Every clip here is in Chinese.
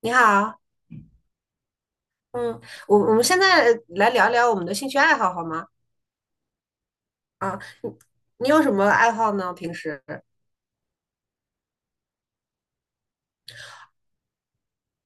你好。嗯，我们现在来聊聊我们的兴趣爱好好吗？啊，你有什么爱好呢？平时？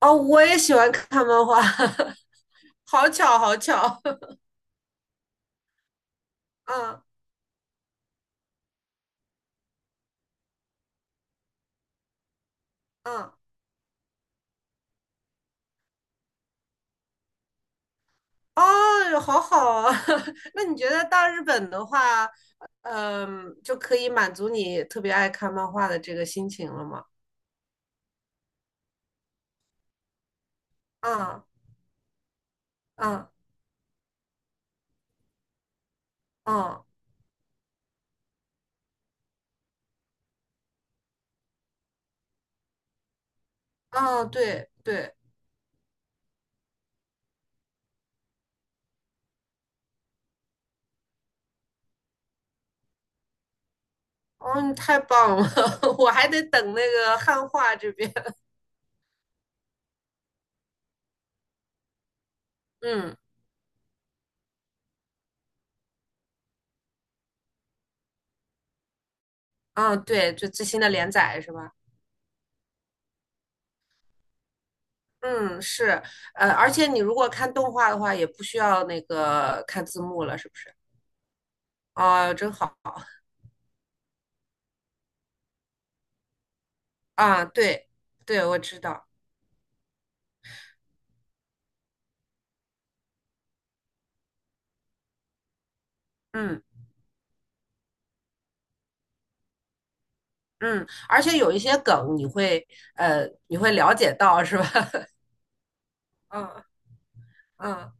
哦，我也喜欢看漫画。好巧，好巧。嗯嗯。哦，好好啊。那你觉得到日本的话，嗯，就可以满足你特别爱看漫画的这个心情了吗？啊啊啊啊，对对。哦，你太棒了。我还得等那个汉化这边。嗯。嗯，对，就最新的连载是吧？嗯，是。呃，而且你如果看动画的话，也不需要那个看字幕了，是不是？啊，真好。啊！对。对，我知道。嗯嗯，而且有一些梗你会你会了解到是吧？嗯嗯。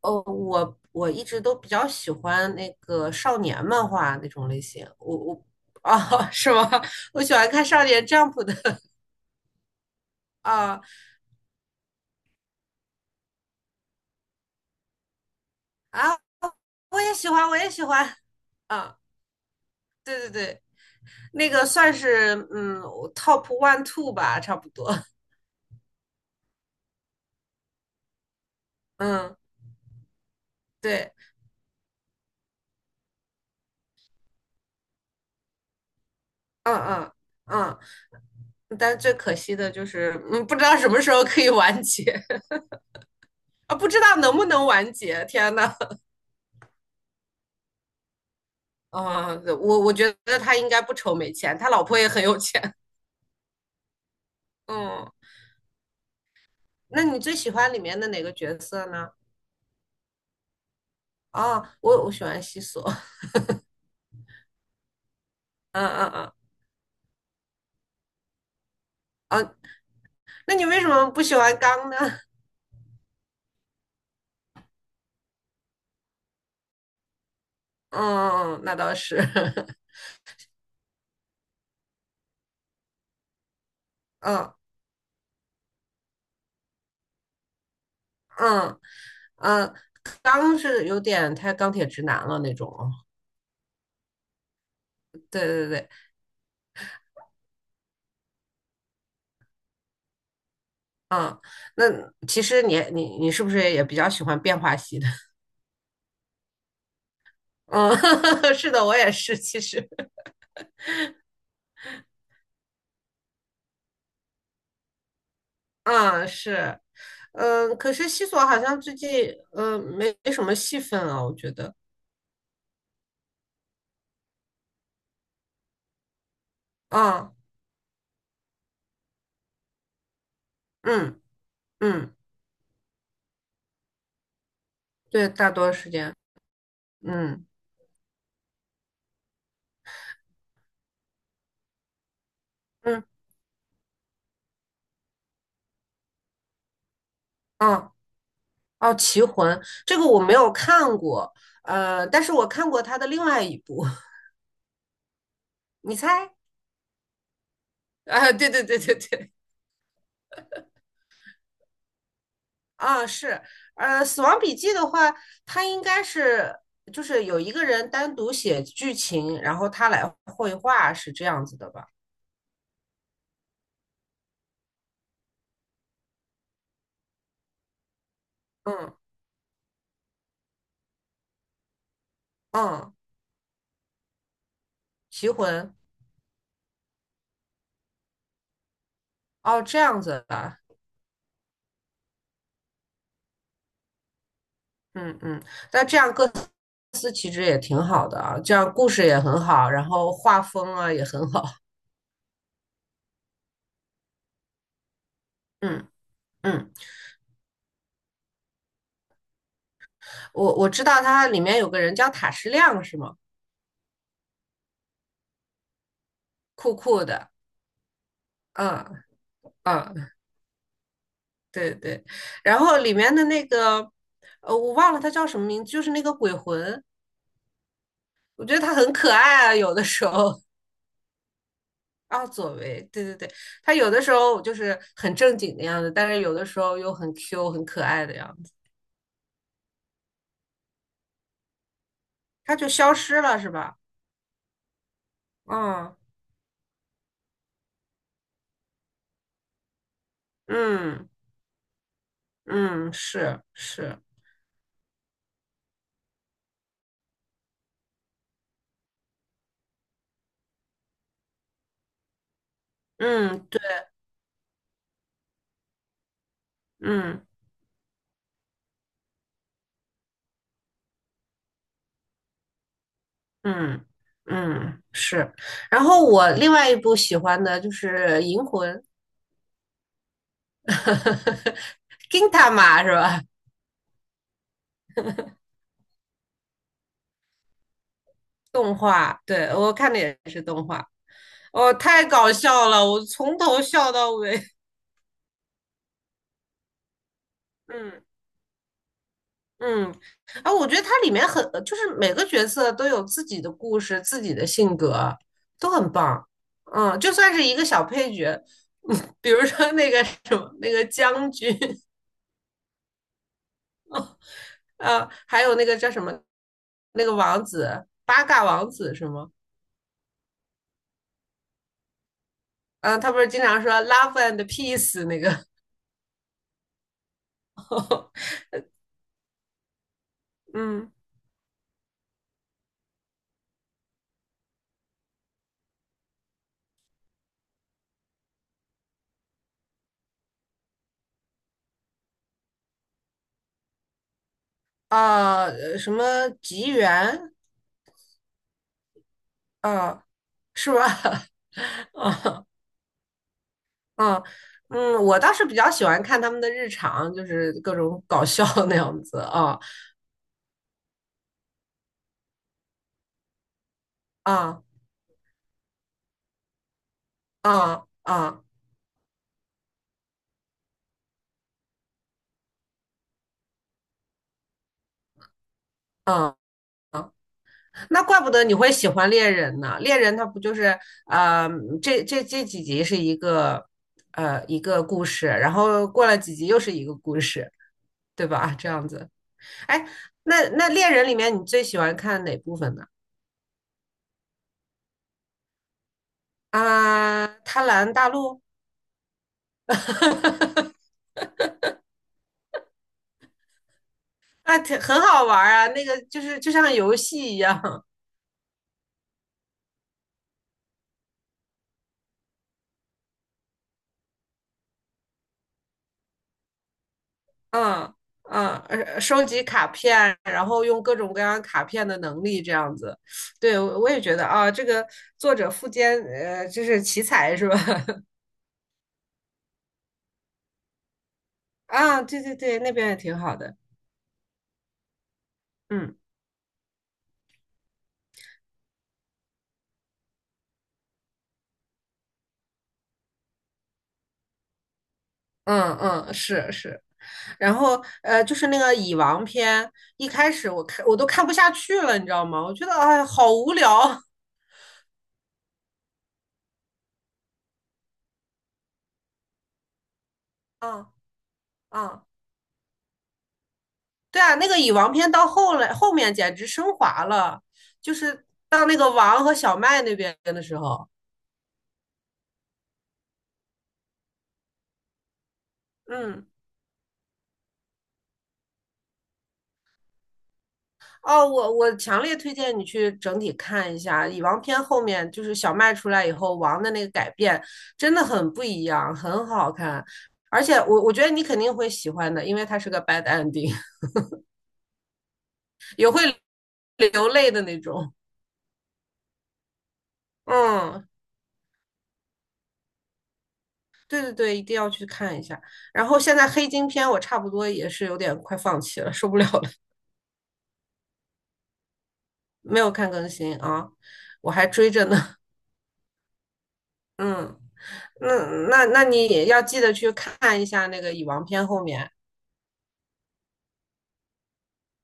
哦，我一直都比较喜欢那个少年漫画那种类型，我我哦。 是吗？我喜欢看少年 Jump 的。 啊啊，我也喜欢，我也喜欢。啊。对对对，那个算是嗯 top one two 吧，差不多。嗯，对。嗯嗯嗯。但最可惜的就是，嗯，不知道什么时候可以完结。 啊，不知道能不能完结。天呐。啊，我觉得他应该不愁没钱，他老婆也很有钱。嗯，那你最喜欢里面的哪个角色呢？啊，我喜欢西索。嗯嗯嗯。啊，那你为什么不喜欢刚呢？嗯，那倒是。嗯。嗯。嗯。刚是有点太钢铁直男了那种。对对对。嗯，那其实你是不是也比较喜欢变化系的？嗯。是的，我也是，其实。嗯，是。嗯，可是西索好像最近，嗯，没什么戏份啊，我觉得。嗯嗯嗯。对，大多时间。嗯嗯嗯。哦。哦，《棋魂》这个我没有看过。呃，但是我看过他的另外一部。你猜？啊，对对对对对。啊，是。呃，《死亡笔记》的话，它应该是就是有一个人单独写剧情，然后他来绘画，是这样子的吧？嗯嗯。棋魂。哦，这样子的。嗯嗯，那这样各司其职也挺好的啊，这样故事也很好，然后画风啊也很好。嗯嗯，我知道它里面有个人叫塔矢亮是吗？酷酷的。嗯嗯。对对，然后里面的那个，呃，我忘了他叫什么名字，就是那个鬼魂。我觉得他很可爱啊，有的时候。啊，左为，对对对。他有的时候就是很正经的样子，但是有的时候又很 Q、很可爱的样子。他就消失了，是吧？嗯嗯嗯，是是。嗯，对。嗯嗯嗯，是。然后我另外一部喜欢的就是《银魂》。，Gintama 是吧？动画，对，我看的也是动画。哦，太搞笑了，我从头笑到尾。嗯嗯。啊，我觉得它里面很，就是每个角色都有自己的故事、自己的性格，都很棒。嗯，就算是一个小配角。比如说那个什么，那个将军，啊，还有那个叫什么，那个王子，八嘎王子是吗？嗯，他不是经常说 "love and peace" 那个。嗯。啊，什么吉原。嗯，是吧？嗯嗯嗯，我倒是比较喜欢看他们的日常，就是各种搞笑 那样子啊。啊啊啊啊！啊，那怪不得你会喜欢猎人呢。猎人他不就是啊，这几集是一个一个故事，然后过了几集又是一个故事，对吧？这样子。哎，那猎人里面你最喜欢看哪部分呢？啊，贪婪大陆。那挺很好玩儿啊，那个就是就像游戏一样。嗯嗯。呃，收集卡片，然后用各种各样卡片的能力这样子。对，我也觉得啊，这个作者富坚，呃，就是奇才是吧？啊，对对对，那边也挺好的。嗯。嗯嗯，是是。然后呃，就是那个蚁王篇，一开始我看我都看不下去了，你知道吗？我觉得哎，好无聊。嗯嗯。对啊，那个蚁王篇到后来后面简直升华了，就是到那个王和小麦那边的时候。嗯。哦，我强烈推荐你去整体看一下蚁王篇后面，就是小麦出来以后王的那个改变，真的很不一样，很好看。而且我觉得你肯定会喜欢的，因为它是个 bad ending。也会流泪的那种。嗯。对对对，一定要去看一下。然后现在黑金篇我差不多也是有点快放弃了，受不了了。没有看更新啊，我还追着呢。嗯。那那你也要记得去看一下那个蚁王篇后面。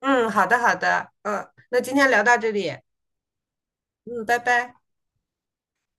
嗯，好的好的。嗯，那今天聊到这里。嗯，拜拜。